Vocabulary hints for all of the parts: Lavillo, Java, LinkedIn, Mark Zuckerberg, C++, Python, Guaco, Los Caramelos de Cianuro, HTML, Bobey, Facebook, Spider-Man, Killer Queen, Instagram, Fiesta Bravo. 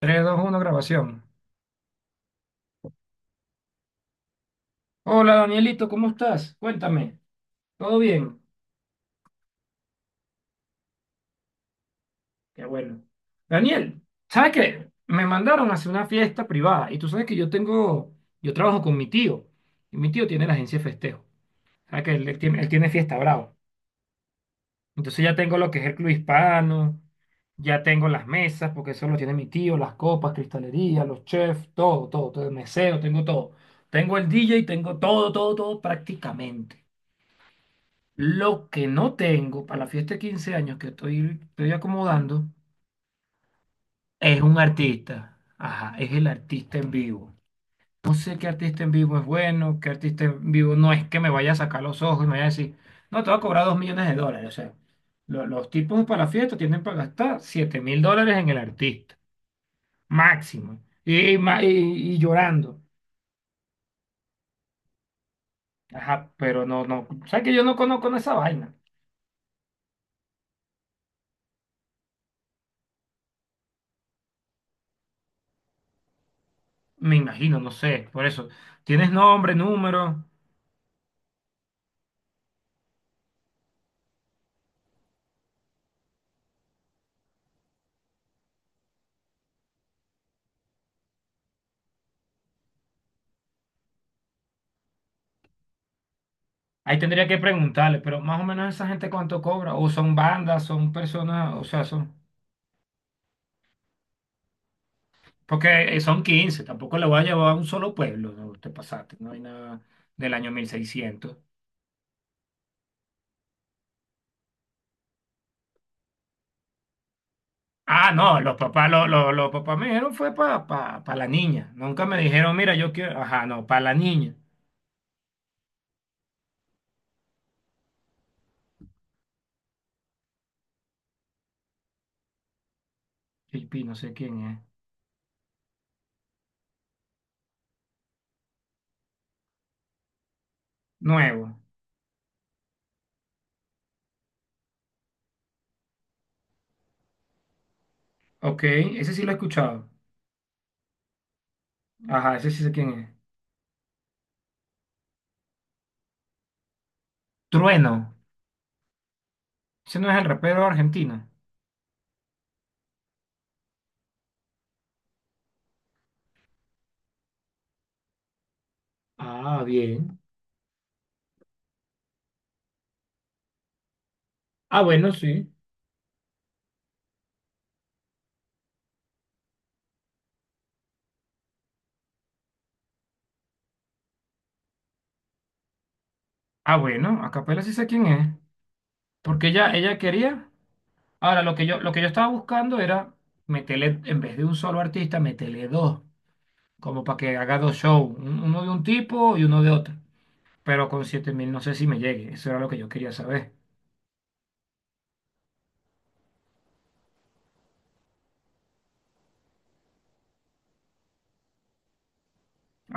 Tres, dos, uno. Grabación. Hola Danielito, ¿cómo estás? Cuéntame, ¿todo bien? Qué bueno. Daniel, ¿sabes qué? Me mandaron hacia una fiesta privada y tú sabes que yo tengo, yo trabajo con mi tío y mi tío tiene la agencia de festejo. ¿Sabes que él tiene, él tiene Fiesta Bravo? Entonces ya tengo lo que es el club hispano, ya tengo las mesas, porque eso lo tiene mi tío, las copas, cristalería, los chefs, todo, todo, todo, el meseo, tengo todo. Tengo el DJ, tengo todo, todo, todo prácticamente. Lo que no tengo para la fiesta de 15 años que estoy acomodando es un artista. Ajá, es el artista en vivo. No sé qué artista en vivo es bueno, qué artista en vivo no es que me vaya a sacar los ojos y me vaya a decir, no, te va a cobrar $2 millones. O sea, los tipos para la fiesta tienen para gastar $7.000 en el artista, máximo. Y, y llorando. Ajá, pero no, no. ¿Sabes que yo no conozco esa vaina? Me imagino, no sé. Por eso, ¿tienes nombre, número? Ahí tendría que preguntarle, pero más o menos esa gente cuánto cobra, o son bandas, son personas, o sea, son, porque son 15. Tampoco le voy a llevar a un solo pueblo, no te pasaste, no hay nada del año 1600. Ah, no, los papás, los papás me dijeron fue para pa la niña, nunca me dijeron, mira, yo quiero, ajá, no, para la niña. JP, no sé quién es. Nuevo, ok, ese sí lo he escuchado, ajá, ese sí sé quién es. Trueno, ese no es el rapero argentino. Ah, bien. Ah, bueno, sí. Ah, bueno, a capela sí sé quién es. Porque ella quería. Ahora, lo que yo estaba buscando era meterle, en vez de un solo artista, meterle dos. Como para que haga dos shows. Uno de un tipo y uno de otro. Pero con 7.000 no sé si me llegue. Eso era lo que yo quería saber.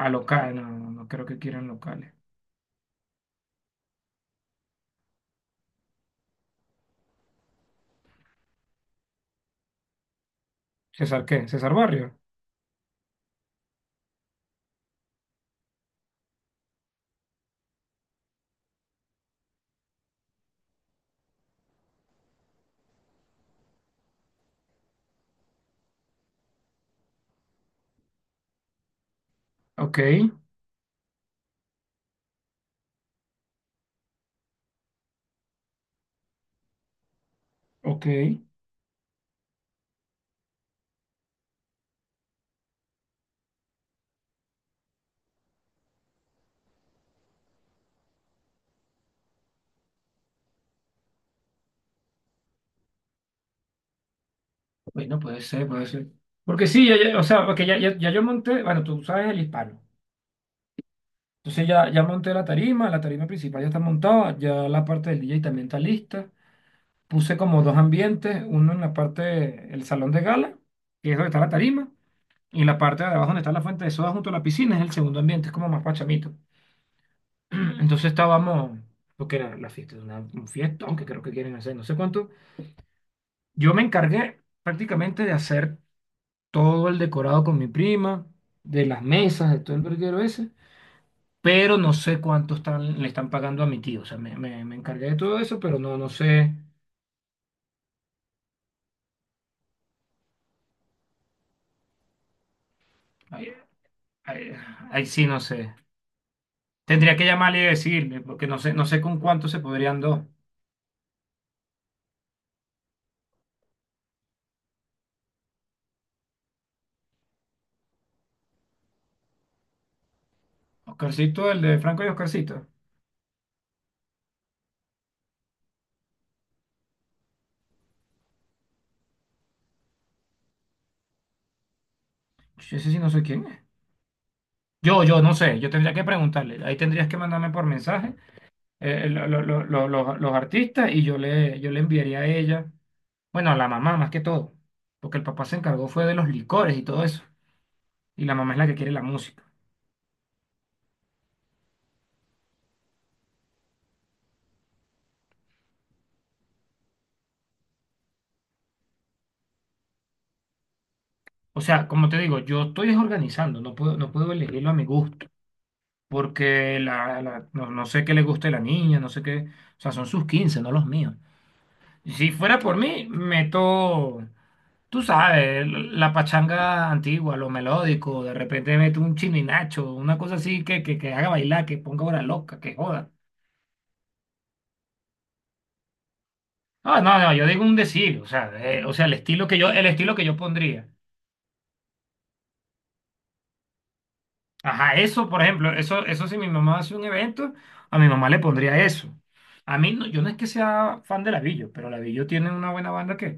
A local, no, no, no creo que quieran locales. ¿César qué? ¿César Barrio? Ok, ok. Bueno, puede ser, puede ser. Porque sí, o sea, porque ya yo monté. Bueno, tú sabes el hispano. Entonces ya monté la tarima principal ya está montada, ya la parte del DJ también está lista. Puse como dos ambientes, uno en la parte, el salón de gala, que es donde está la tarima, y en la parte de abajo donde está la fuente de soda junto a la piscina es el segundo ambiente, es como más pachamito. Entonces estábamos, lo que era la fiesta, un fiestón que creo que quieren hacer, no sé cuánto. Yo me encargué prácticamente de hacer todo el decorado con mi prima, de las mesas, de todo el verguero ese. Pero no sé cuánto están, le están pagando a mi tío. O sea, me encargué de todo eso, pero no, no sé. Ahí, ahí- ahí sí, no sé. Tendría que llamarle y decirle, porque no sé, no sé con cuánto se podrían dos. Oscarcito, el de Franco y Oscarcito. Yo ese sí no sé quién es. No sé. Yo tendría que preguntarle. Ahí tendrías que mandarme por mensaje los artistas y yo le enviaría a ella. Bueno, a la mamá más que todo. Porque el papá se encargó fue de los licores y todo eso. Y la mamá es la que quiere la música. O sea, como te digo, yo estoy desorganizando, no puedo, no puedo elegirlo a mi gusto, porque no, no sé qué le gusta a la niña, no sé qué, o sea, son sus 15, no los míos. Si fuera por mí, meto, tú sabes, la pachanga antigua, lo melódico, de repente meto un nacho, una cosa así que haga bailar, que ponga hora loca, que joda. No, no, no, yo digo un decir, o sea, el estilo que yo, el estilo que yo pondría. Ajá, eso, por ejemplo, eso si mi mamá hace un evento, a mi mamá le pondría eso. A mí, no, yo no es que sea fan de Lavillo, pero Lavillo tiene una buena banda que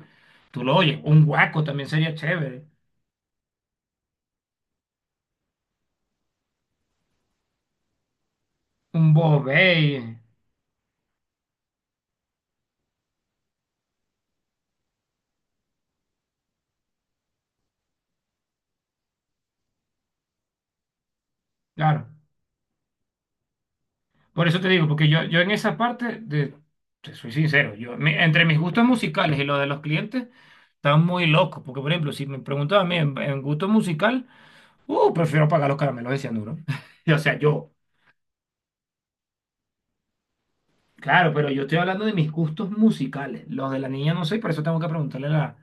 tú lo oyes. Un Guaco también sería chévere. Un Bobey, claro. Por eso te digo, porque yo en esa parte, de, te soy sincero, yo, entre mis gustos musicales y los de los clientes, están muy locos. Porque, por ejemplo, si me preguntas a mí en gusto musical, prefiero pagar los caramelos de cianuro. O sea, yo. Claro, pero yo estoy hablando de mis gustos musicales. Los de la niña no sé, y por eso tengo que preguntarle a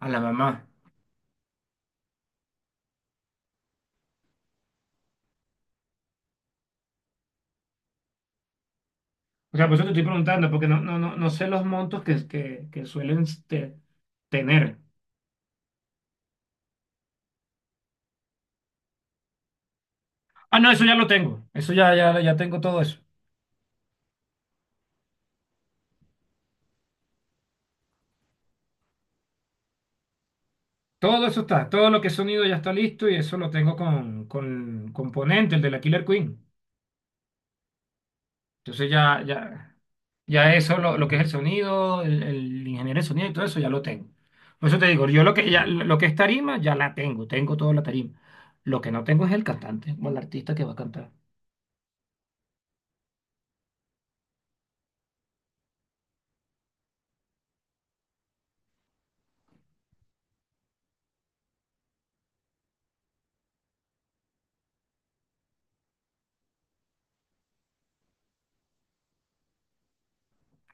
a la mamá. O sea, por eso te estoy preguntando, porque no sé los montos que suelen este, tener. Ah, no, eso ya lo tengo. Eso ya tengo todo eso. Todo eso está, todo lo que es sonido ya está listo y eso lo tengo con componente, el de la Killer Queen. Entonces ya eso, lo que es el sonido, el ingeniero de sonido y todo eso, ya lo tengo. Por eso te digo, yo lo que, ya, lo que es tarima, ya la tengo, tengo toda la tarima. Lo que no tengo es el cantante o el artista que va a cantar.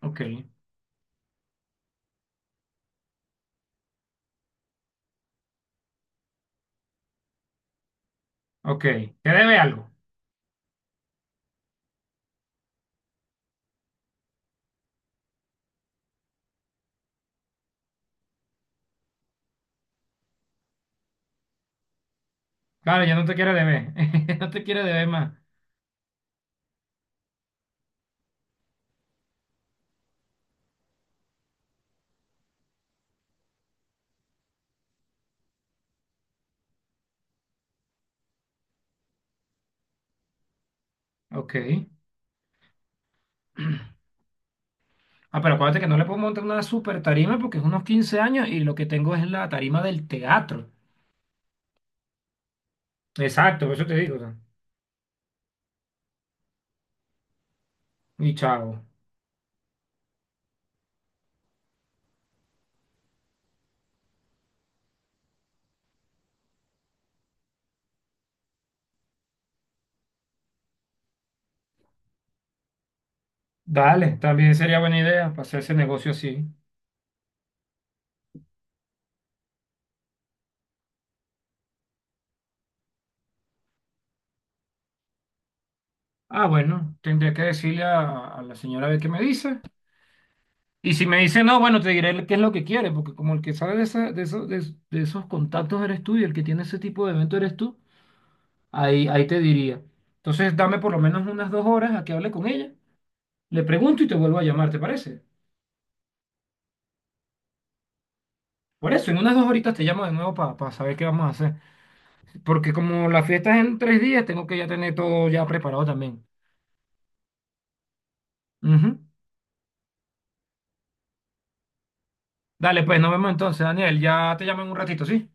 Ok, ok. ¿Te debe algo? Claro, ya no te quiero deber. No te quiero deber más. Ok. Ah, pero acuérdate que no le puedo montar una super tarima porque es unos 15 años y lo que tengo es la tarima del teatro. Exacto, por eso te digo, o sea, y chao. Dale, también sería buena idea para hacer ese negocio así. Ah, bueno, tendría que decirle a la señora a ver qué me dice. Y si me dice no, bueno, te diré qué es lo que quiere, porque como el que sabe de, esa- de, eso- de esos contactos eres tú y el que tiene ese tipo de evento eres tú, ahí, ahí te diría. Entonces, dame por lo menos unas 2 horas a que hable con ella, le pregunto y te vuelvo a llamar, ¿te parece? Por eso, en unas 2 horitas te llamo de nuevo para saber qué vamos a hacer. Porque como la fiesta es en 3 días, tengo que ya tener todo ya preparado también. Ujú. Dale, pues nos vemos entonces, Daniel. Ya te llamo en un ratito, ¿sí?